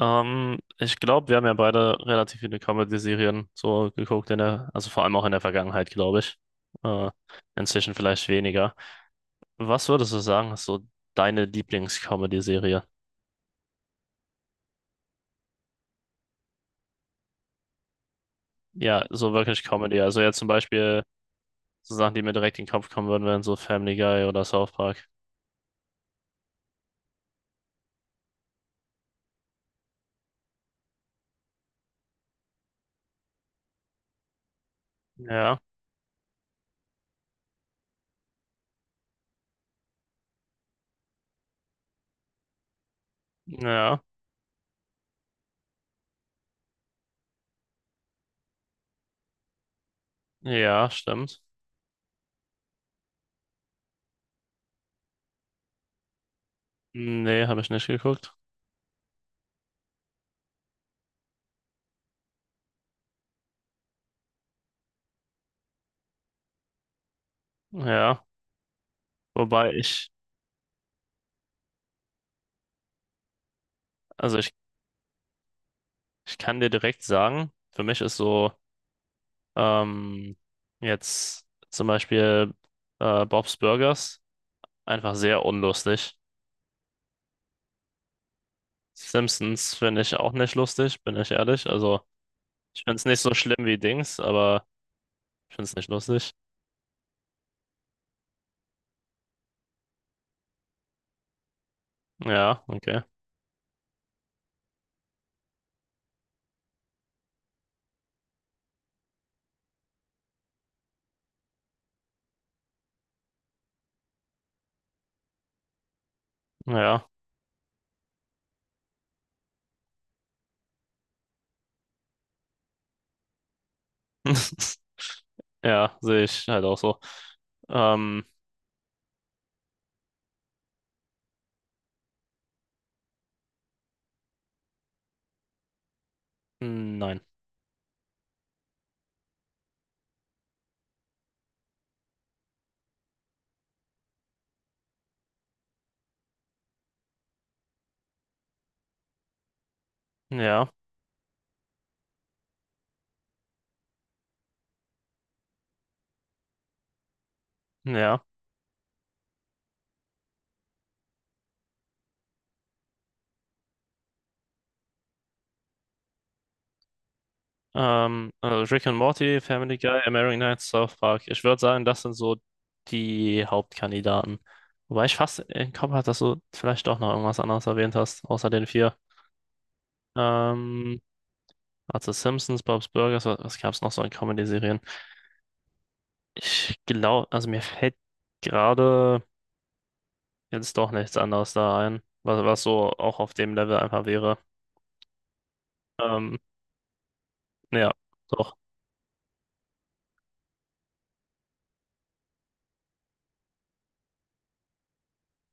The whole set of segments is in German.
Ich glaube, wir haben ja beide relativ viele Comedy-Serien so geguckt in der, also vor allem auch in der Vergangenheit, glaube ich. Äh, Inzwischen vielleicht weniger. Was würdest du sagen, ist so deine Lieblings-Comedy-Serie? Ja, so wirklich Comedy. Also jetzt zum Beispiel so Sachen, die mir direkt in den Kopf kommen würden, wären so Family Guy oder South Park. Ja, ja, ja, stimmt. Nee, habe ich nicht geguckt. Ja, wobei ich, also ich kann dir direkt sagen, für mich ist so. Ähm, Jetzt zum Beispiel Bob's Burgers, einfach sehr unlustig. Simpsons finde ich auch nicht lustig, bin ich ehrlich. Also, ich finde es nicht so schlimm wie Dings, aber ich finde es nicht lustig. Ja, okay. Ja. Ja, sehe ich halt auch so. Ähm, nein. Ja, ja. Also Rick and Morty, Family Guy, American Nights, South Park. Ich würde sagen, das sind so die Hauptkandidaten. Wobei ich fast im Kopf hatte, dass du vielleicht doch noch irgendwas anderes erwähnt hast, außer den vier. Ähm, also Simpsons, Bob's Burgers, was gab es noch so in Comedy-Serien? Ich glaube, also mir fällt gerade jetzt doch nichts anderes da ein, was so auch auf dem Level einfach wäre. Ähm, ja, doch.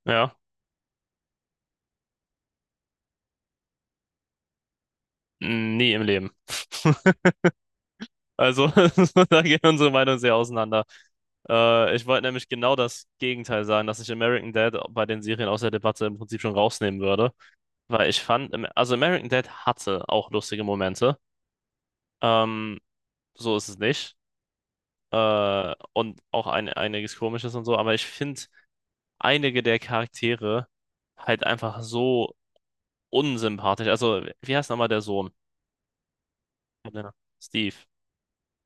Ja, nie im Leben. Also, da gehen unsere Meinungen sehr auseinander. Ich wollte nämlich genau das Gegenteil sagen, dass ich American Dad bei den Serien aus der Debatte im Prinzip schon rausnehmen würde, weil ich fand, also American Dad hatte auch lustige Momente, ähm, so ist es nicht, und auch einiges Komisches und so, aber ich finde einige der Charaktere halt einfach so unsympathisch. Also, wie heißt nochmal der Sohn? Steve.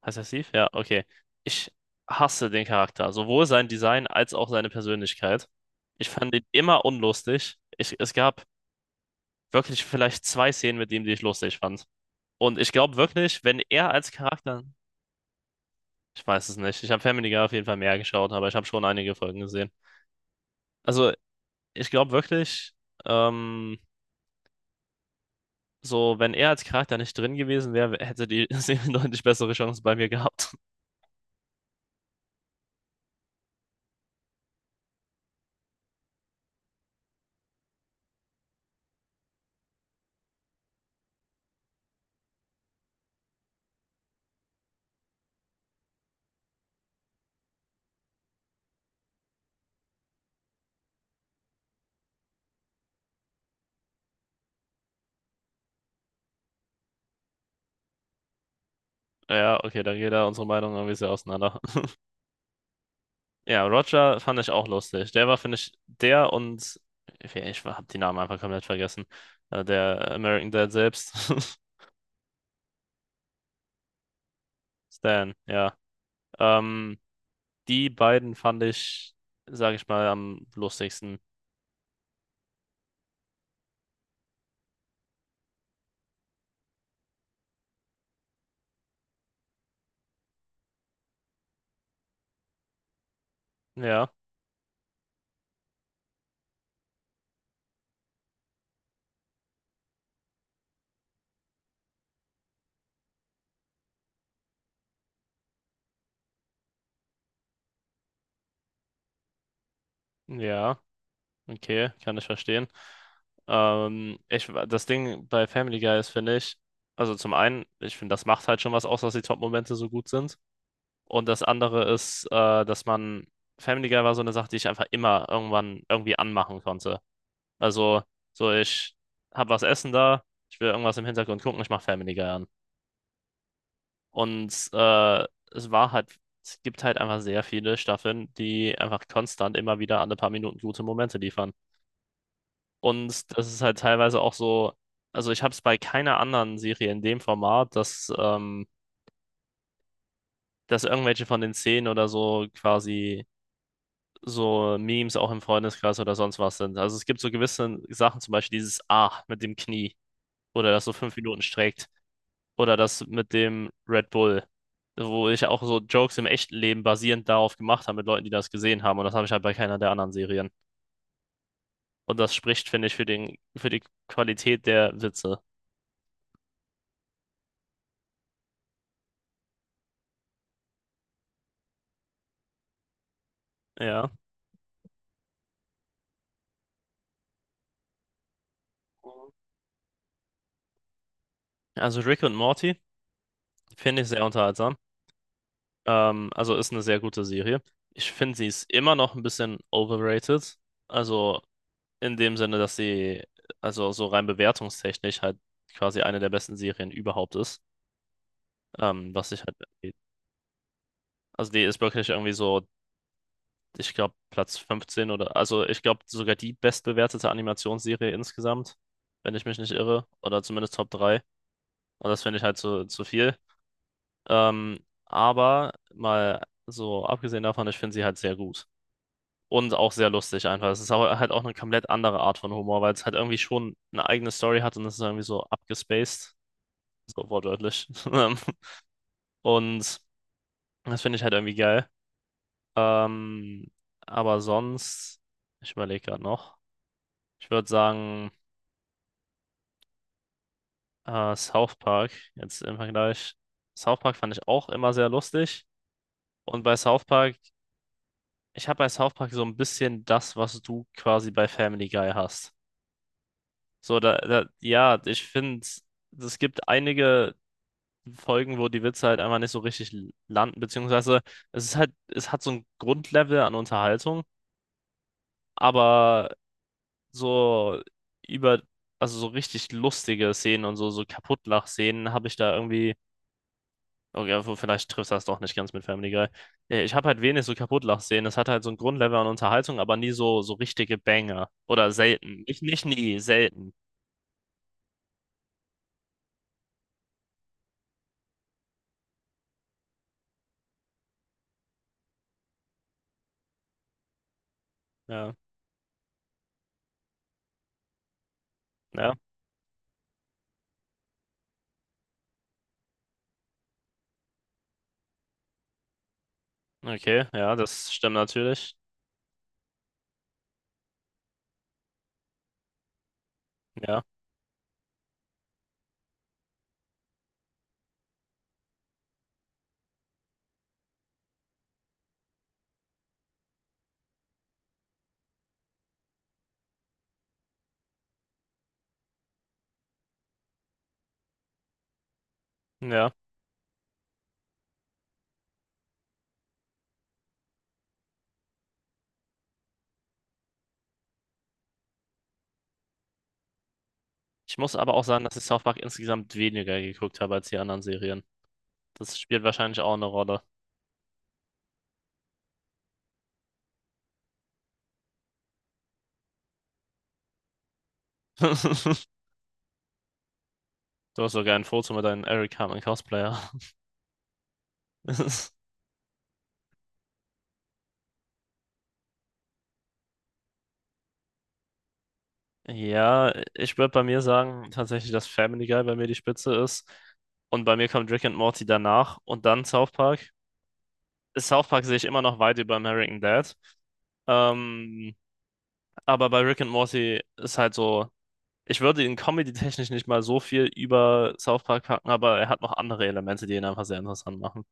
Heißt er Steve? Ja, okay. Ich hasse den Charakter, sowohl sein Design als auch seine Persönlichkeit. Ich fand ihn immer unlustig. Es gab wirklich vielleicht zwei Szenen mit ihm, die ich lustig fand. Und ich glaube wirklich, wenn er als Charakter, ich weiß es nicht, ich habe Family Guy auf jeden Fall mehr geschaut, aber ich habe schon einige Folgen gesehen. Also ich glaube wirklich, ähm, so wenn er als Charakter nicht drin gewesen wäre, hätte die Serie deutlich bessere Chancen bei mir gehabt. Ja, okay, da geht da unsere Meinung irgendwie sehr auseinander. Ja, Roger fand ich auch lustig. Der war, finde ich, der und ich habe die Namen einfach komplett vergessen. Der American Dad selbst, Stan, ja. Ähm, Die beiden fand ich, sage ich mal, am lustigsten. Ja, ja, okay, kann ich verstehen. Das Ding bei Family Guy ist, finde ich, also zum einen, ich finde, das macht halt schon was aus, dass die Top-Momente so gut sind. Und das andere ist, dass man, Family Guy war so eine Sache, die ich einfach immer irgendwann irgendwie anmachen konnte. Also, so ich hab was essen da, ich will irgendwas im Hintergrund gucken, ich mach Family Guy an. Und es war halt, es gibt halt einfach sehr viele Staffeln, die einfach konstant immer wieder alle paar Minuten gute Momente liefern. Und das ist halt teilweise auch so, also ich habe es bei keiner anderen Serie in dem Format, dass irgendwelche von den Szenen oder so quasi so Memes auch im Freundeskreis oder sonst was sind. Also es gibt so gewisse Sachen, zum Beispiel dieses A mit dem Knie oder das so 5 Minuten streckt oder das mit dem Red Bull, wo ich auch so Jokes im echten Leben basierend darauf gemacht habe mit Leuten, die das gesehen haben und das habe ich halt bei keiner der anderen Serien. Und das spricht, finde ich, für die Qualität der Witze. Ja. Also Rick und Morty finde ich sehr unterhaltsam. Also ist eine sehr gute Serie. Ich finde, sie ist immer noch ein bisschen overrated. Also in dem Sinne, dass sie, also so rein bewertungstechnisch halt quasi eine der besten Serien überhaupt ist. Was ich halt, also die ist wirklich irgendwie so, ich glaube, Platz 15 oder, also ich glaube sogar die bestbewertete Animationsserie insgesamt, wenn ich mich nicht irre, oder zumindest Top drei. Und das finde ich halt zu viel. Ähm, aber mal so abgesehen davon, ich finde sie halt sehr gut. Und auch sehr lustig einfach. Es ist aber halt auch eine komplett andere Art von Humor, weil es halt irgendwie schon eine eigene Story hat und es ist irgendwie so abgespaced. So wortwörtlich. Und das finde ich halt irgendwie geil. Ähm, aber sonst, ich überlege gerade noch. Ich würde sagen, South Park, jetzt im Vergleich. South Park fand ich auch immer sehr lustig. Und bei South Park, ich habe bei South Park so ein bisschen das, was du quasi bei Family Guy hast. So, ja, ich finde, es gibt einige Folgen, wo die Witze halt einfach nicht so richtig landen, beziehungsweise es ist halt, es hat so ein Grundlevel an Unterhaltung, aber so über, also so richtig lustige Szenen und so, so Kaputtlach-Szenen habe ich da irgendwie, okay, vielleicht trifft das doch nicht ganz mit Family Guy. Ich habe halt wenig so Kaputtlach-Szenen. Es hat halt so ein Grundlevel an Unterhaltung, aber nie so, so richtige Banger. Oder selten. Nicht nie, selten. Ja, ja, okay, ja, das stimmt natürlich. Ja, ja. Ich muss aber auch sagen, dass ich South Park insgesamt weniger geguckt habe als die anderen Serien. Das spielt wahrscheinlich auch eine Rolle. Du hast sogar ein Foto mit deinem Eric Carmen Cosplayer. Ja, ich würde bei mir sagen, tatsächlich, dass Family Guy bei mir die Spitze ist. Und bei mir kommt Rick and Morty danach und dann South Park. South Park sehe ich immer noch weit über American Dad. Ähm, aber bei Rick and Morty ist halt so, ich würde ihn comedy-technisch nicht mal so viel über South Park packen, aber er hat noch andere Elemente, die ihn einfach sehr interessant machen.